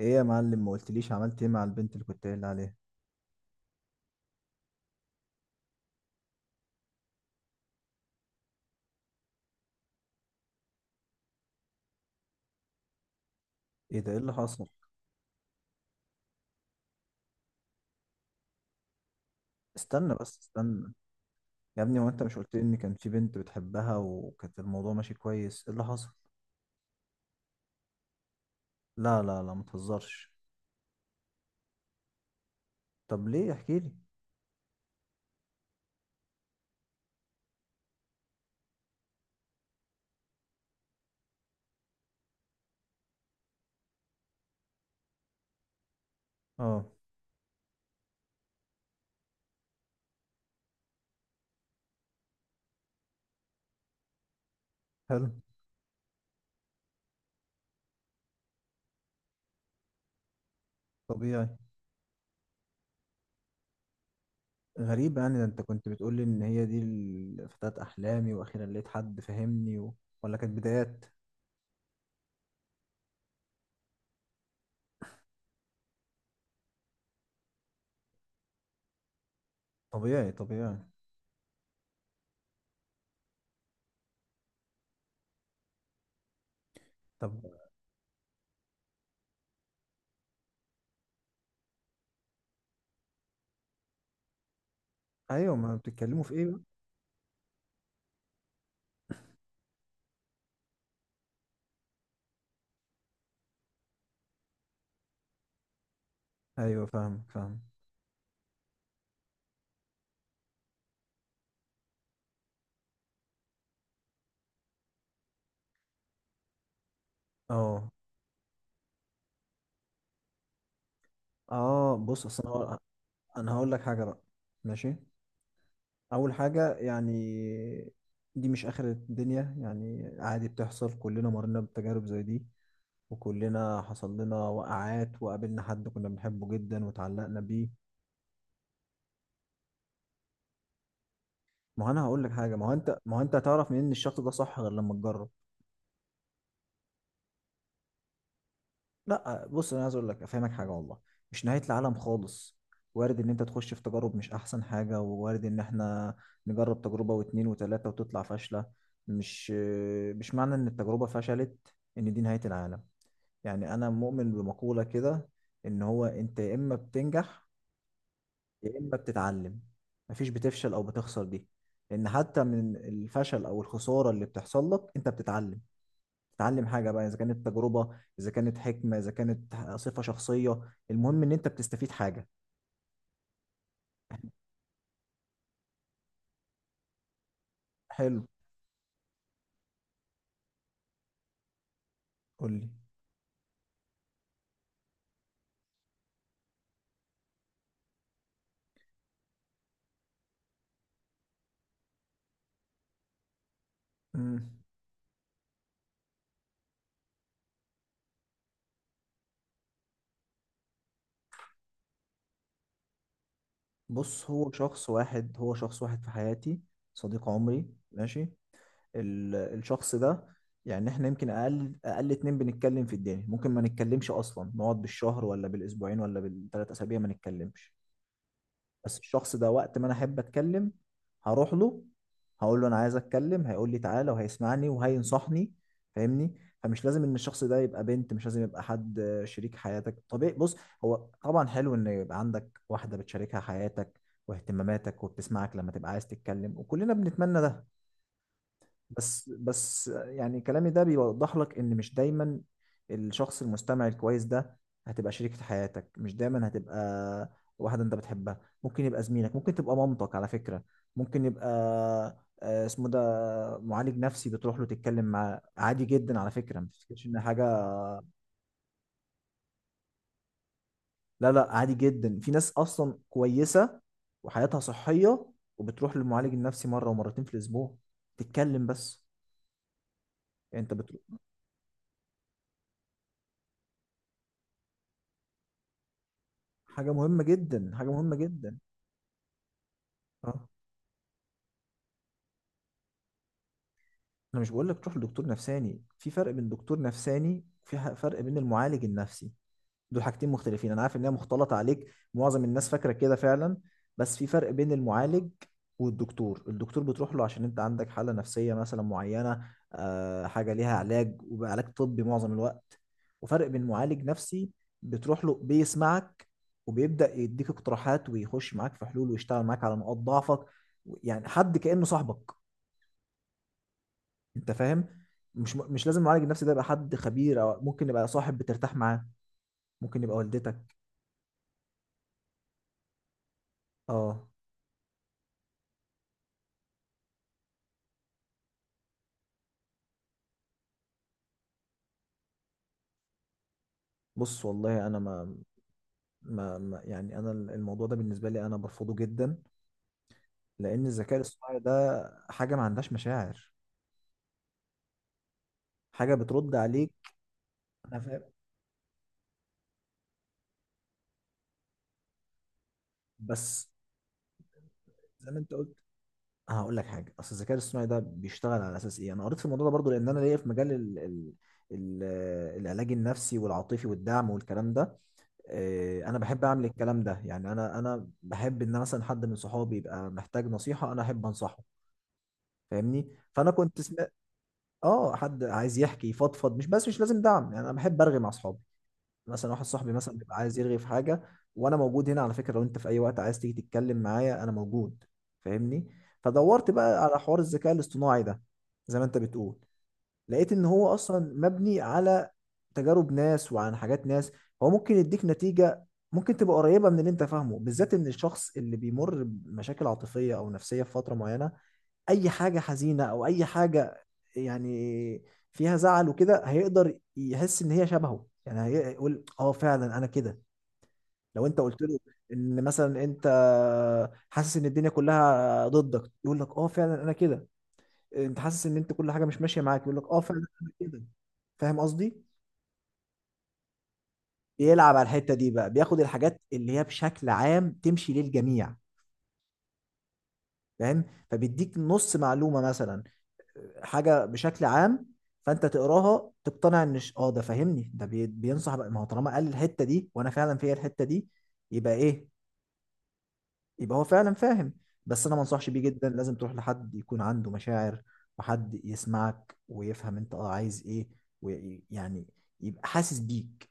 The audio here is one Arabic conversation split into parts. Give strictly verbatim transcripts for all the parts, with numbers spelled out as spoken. ايه يا معلم، ما قلتليش عملت ايه مع البنت اللي كنت قايل عليها؟ ايه ده؟ ايه اللي حصل؟ استنى بس استنى. يا ابني، هو انت مش قلت لي ان كان في بنت بتحبها وكانت الموضوع ماشي كويس؟ ايه اللي حصل؟ لا لا لا، ما تهزرش. طب ليه؟ احكي لي. اه. حلو. طبيعي. غريب يعني، ده انت كنت بتقول لي ان هي دي ال- فتاة احلامي، واخيرا لقيت حد فهمني و... ولا كانت بدايات؟ طبيعي، طبيعي. طب. ايوه، ما بتتكلموا في ايه بقى؟ ايوه، فاهمك، فاهم. اه. اه، بص، اصل انا انا هقول لك حاجه بقى. ماشي. اول حاجه يعني، دي مش اخر الدنيا يعني، عادي بتحصل، كلنا مرينا بتجارب زي دي. وكلنا حصل لنا وقعات، وقابلنا حد كنا بنحبه جدا وتعلقنا بيه. ما هو انا هقول لك حاجه، ما هو انت ما هو انت هتعرف منين ان الشخص ده صح غير لما تجرب؟ لا بص، انا عايز اقول لك، افهمك حاجه والله، مش نهايه العالم خالص. وارد ان انت تخش في تجارب مش احسن حاجه، ووارد ان احنا نجرب تجربه واتنين وتلاته وتطلع فاشله. مش مش معنى ان التجربه فشلت ان دي نهايه العالم. يعني انا مؤمن بمقوله كده، ان هو انت يا اما بتنجح، يا اما بتتعلم، مفيش بتفشل او بتخسر دي. لان حتى من الفشل او الخساره اللي بتحصل لك انت بتتعلم. تتعلم حاجة بقى، إذا كانت تجربة، إذا كانت حكمة، إذا كانت صفة شخصية. المهم إن أنت بتستفيد حاجة. حلو. قول لي. مم. بص، هو شخص واحد، هو شخص واحد في حياتي، صديق عمري. ماشي. ال- الشخص ده، يعني إحنا يمكن أقل أقل اتنين بنتكلم في الدنيا، ممكن ما نتكلمش أصلا، نقعد بالشهر ولا بالأسبوعين ولا بالتلات أسابيع ما نتكلمش. بس الشخص ده، وقت ما انا احب اتكلم هروح له، هقول له انا عايز اتكلم، هيقول لي تعالى، وهيسمعني وهينصحني. فاهمني. فمش لازم ان الشخص ده يبقى بنت، مش لازم يبقى حد، آه، شريك حياتك طبيعي. بص، هو طبعا حلو ان يبقى عندك واحدة بتشاركها حياتك واهتماماتك، وبتسمعك لما تبقى عايز تتكلم، وكلنا بنتمنى ده. بس بس يعني، كلامي ده بيوضح لك ان مش دايما الشخص المستمع الكويس ده هتبقى شريكة حياتك، مش دايما هتبقى واحدة انت بتحبها. ممكن يبقى زميلك، ممكن تبقى مامتك على فكرة. ممكن يبقى، آه، اسمه ده، معالج نفسي، بتروح له تتكلم معاه عادي جدا على فكرة. ما تفتكرش ان حاجة، لا لا، عادي جدا. في ناس اصلا كويسة وحياتها صحية وبتروح للمعالج النفسي مرة ومرتين في الاسبوع تتكلم بس. انت بتروح. حاجة مهمة جدا، حاجة مهمة جدا. اه. انا مش بقول لك تروح لدكتور نفساني، في فرق بين دكتور نفساني، في ح- فرق بين المعالج النفسي، دول حاجتين مختلفين، انا عارف ان هي مختلطه عليك. معظم الناس فاكره كده فعلا. بس في فرق بين المعالج والدكتور. الدكتور بتروح له عشان انت عندك حاله نفسيه مثلا معينه، آه حاجه ليها علاج، وعلاج طبي معظم الوقت. وفرق بين معالج نفسي بتروح له، بيسمعك وبيبدا يديك اقتراحات ويخش معاك في حلول ويشتغل معاك على نقاط ضعفك، يعني حد كانه صاحبك. انت فاهم. مش مش لازم المعالج النفسي ده يبقى حد خبير، او ممكن يبقى صاحب بترتاح معاه، ممكن يبقى والدتك. اه. بص والله، انا ما ما ما- يعني انا الموضوع ده بالنسبه لي، انا برفضه جدا، لان الذكاء الاصطناعي ده حاجه ما عندهاش مشاعر، حاجه بترد عليك. انا فاهم. بس زي ما انت قلت، انا هقول لك حاجه، اصل الذكاء الاصطناعي ده بيشتغل على اساس ايه. انا قريت في الموضوع ده برضو، لان انا ليا في مجال ال... ال... ال... العلاج النفسي والعاطفي والدعم والكلام ده. إيه، انا بحب اعمل الكلام ده يعني، انا انا بحب ان مثلا حد من صحابي يبقى محتاج نصيحه، انا احب انصحه. فاهمني. فانا كنت سم... اه حد عايز يحكي، يفضفض، مش بس، مش لازم دعم، يعني انا بحب ارغي مع اصحابي. مثلا واحد صاحبي مثلا بيبقى عايز يرغي في حاجه، وانا موجود هنا على فكره، لو انت في اي وقت عايز تيجي تتكلم معايا انا موجود. فاهمني. فدورت بقى على حوار الذكاء الاصطناعي ده، زي ما انت بتقول، لقيت ان هو اصلا مبني على تجارب ناس وعن حاجات ناس. هو ممكن يديك نتيجة، ممكن تبقى قريبة من اللي انت فاهمه، بالذات ان الشخص اللي بيمر بمشاكل عاطفية او نفسية في فترة معينة، اي حاجة حزينة او اي حاجة يعني فيها زعل وكده، هيقدر يحس ان هي شبهه، يعني هيقول اه فعلا انا كده. لو انت قلت له ان مثلا انت حاسس ان الدنيا كلها ضدك يقول لك اه فعلا انا كده. انت حاسس ان انت كل حاجه مش ماشيه معاك يقول لك اه فعلا أنا كده. فاهم قصدي. بيلعب على الحته دي بقى، بياخد الحاجات اللي هي بشكل عام تمشي للجميع. فاهم. فبيديك نص معلومه مثلا، حاجه بشكل عام، فانت تقراها تقتنع ان ش- اه ده فاهمني، ده بي- بينصح بقى، ما هو طالما قال الحته دي وانا فعلا فيا الحته دي، يبقى ايه؟ يبقى هو فعلا فاهم. بس انا ما انصحش بيه جدا، لازم تروح لحد يكون عنده مشاعر، وحد يسمعك ويفهم انت اه عايز ايه، ويعني يبقى حاسس بيك.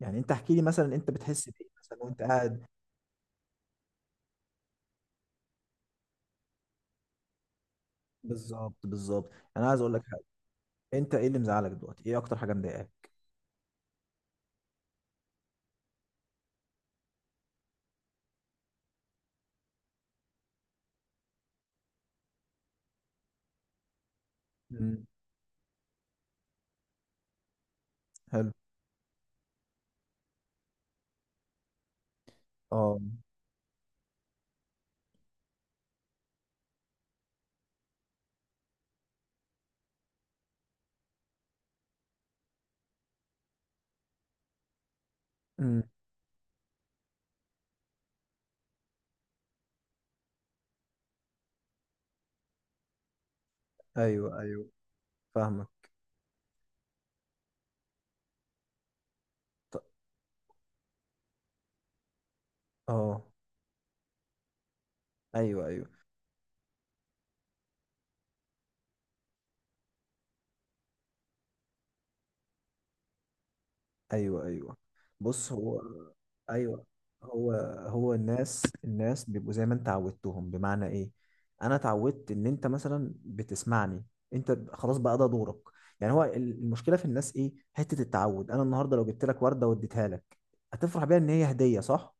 يعني انت احكي لي مثلا انت بتحس بايه مثلا وانت قاعد. بالظبط، بالظبط. انا عايز اقول لك حاجه، انت ايه اللي مزعلك دلوقتي؟ ايه اكتر حاجه مضايقاك؟ امم. حلو. اه. امم. ايوه، ايوه، فاهمك. ط- اه. ايوه، ايوه. ايوه، ايوه. بص. هو، ايوه، هو، هو الناس الناس بيبقوا زي ما انت عودتهم. بمعنى ايه؟ انا اتعودت ان انت مثلا بتسمعني، انت ب- خلاص بقى ده دورك. يعني هو ال- المشكله في الناس ايه؟ حته التعود. انا النهارده لو جبت لك ورده واديتها لك هتفرح بيها ان هي هديه، صح؟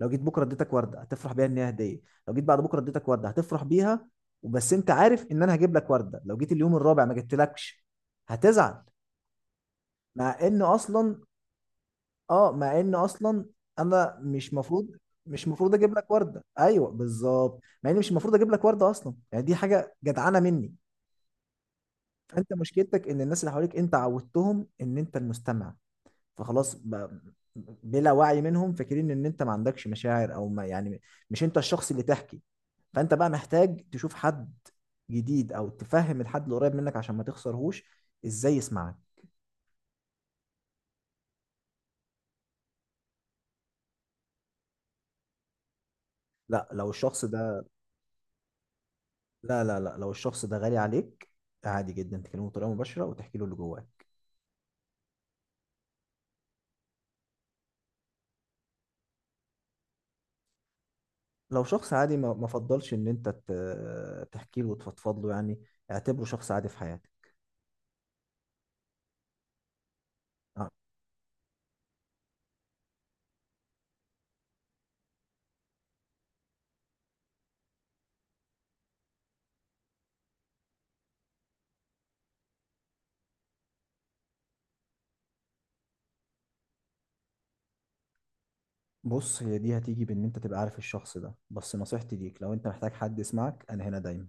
لو جيت بكره اديتك ورده هتفرح بيها ان هي هديه. لو جيت بعد بكره اديتك ورده هتفرح بيها وبس، انت عارف ان انا هجيب لك ورده. لو جيت اليوم الرابع ما جبتلكش هتزعل. مع ان اصلا، اه مع ان اصلا انا مش مفروض، مش مفروض اجيب لك ورده. ايوه، بالظبط. مع ان مش المفروض اجيب لك ورده اصلا، يعني دي حاجه جدعانه مني. فانت مشكلتك ان الناس اللي حواليك انت عودتهم ان انت المستمع، فخلاص ب... بلا وعي منهم فاكرين ان انت ما عندكش مشاعر، او ما يعني، مش انت الشخص اللي تحكي. فانت بقى محتاج تشوف حد جديد، او تفهم الحد اللي قريب منك عشان ما تخسرهوش ازاي يسمعك. لا لو الشخص ده لا لا لا، لو الشخص ده غالي عليك، عادي جدا تكلمه بطريقه مباشره وتحكي له اللي جواك. لو شخص عادي، ما ما فضلش ان انت ت- تحكي له وتفضفض له يعني، اعتبره شخص عادي في حياتك. آه، بص، هي دي هتيجي بان انت تبقى عارف الشخص ده، بس نصيحتي ليك، لو انت محتاج حد يسمعك انا هنا دايما.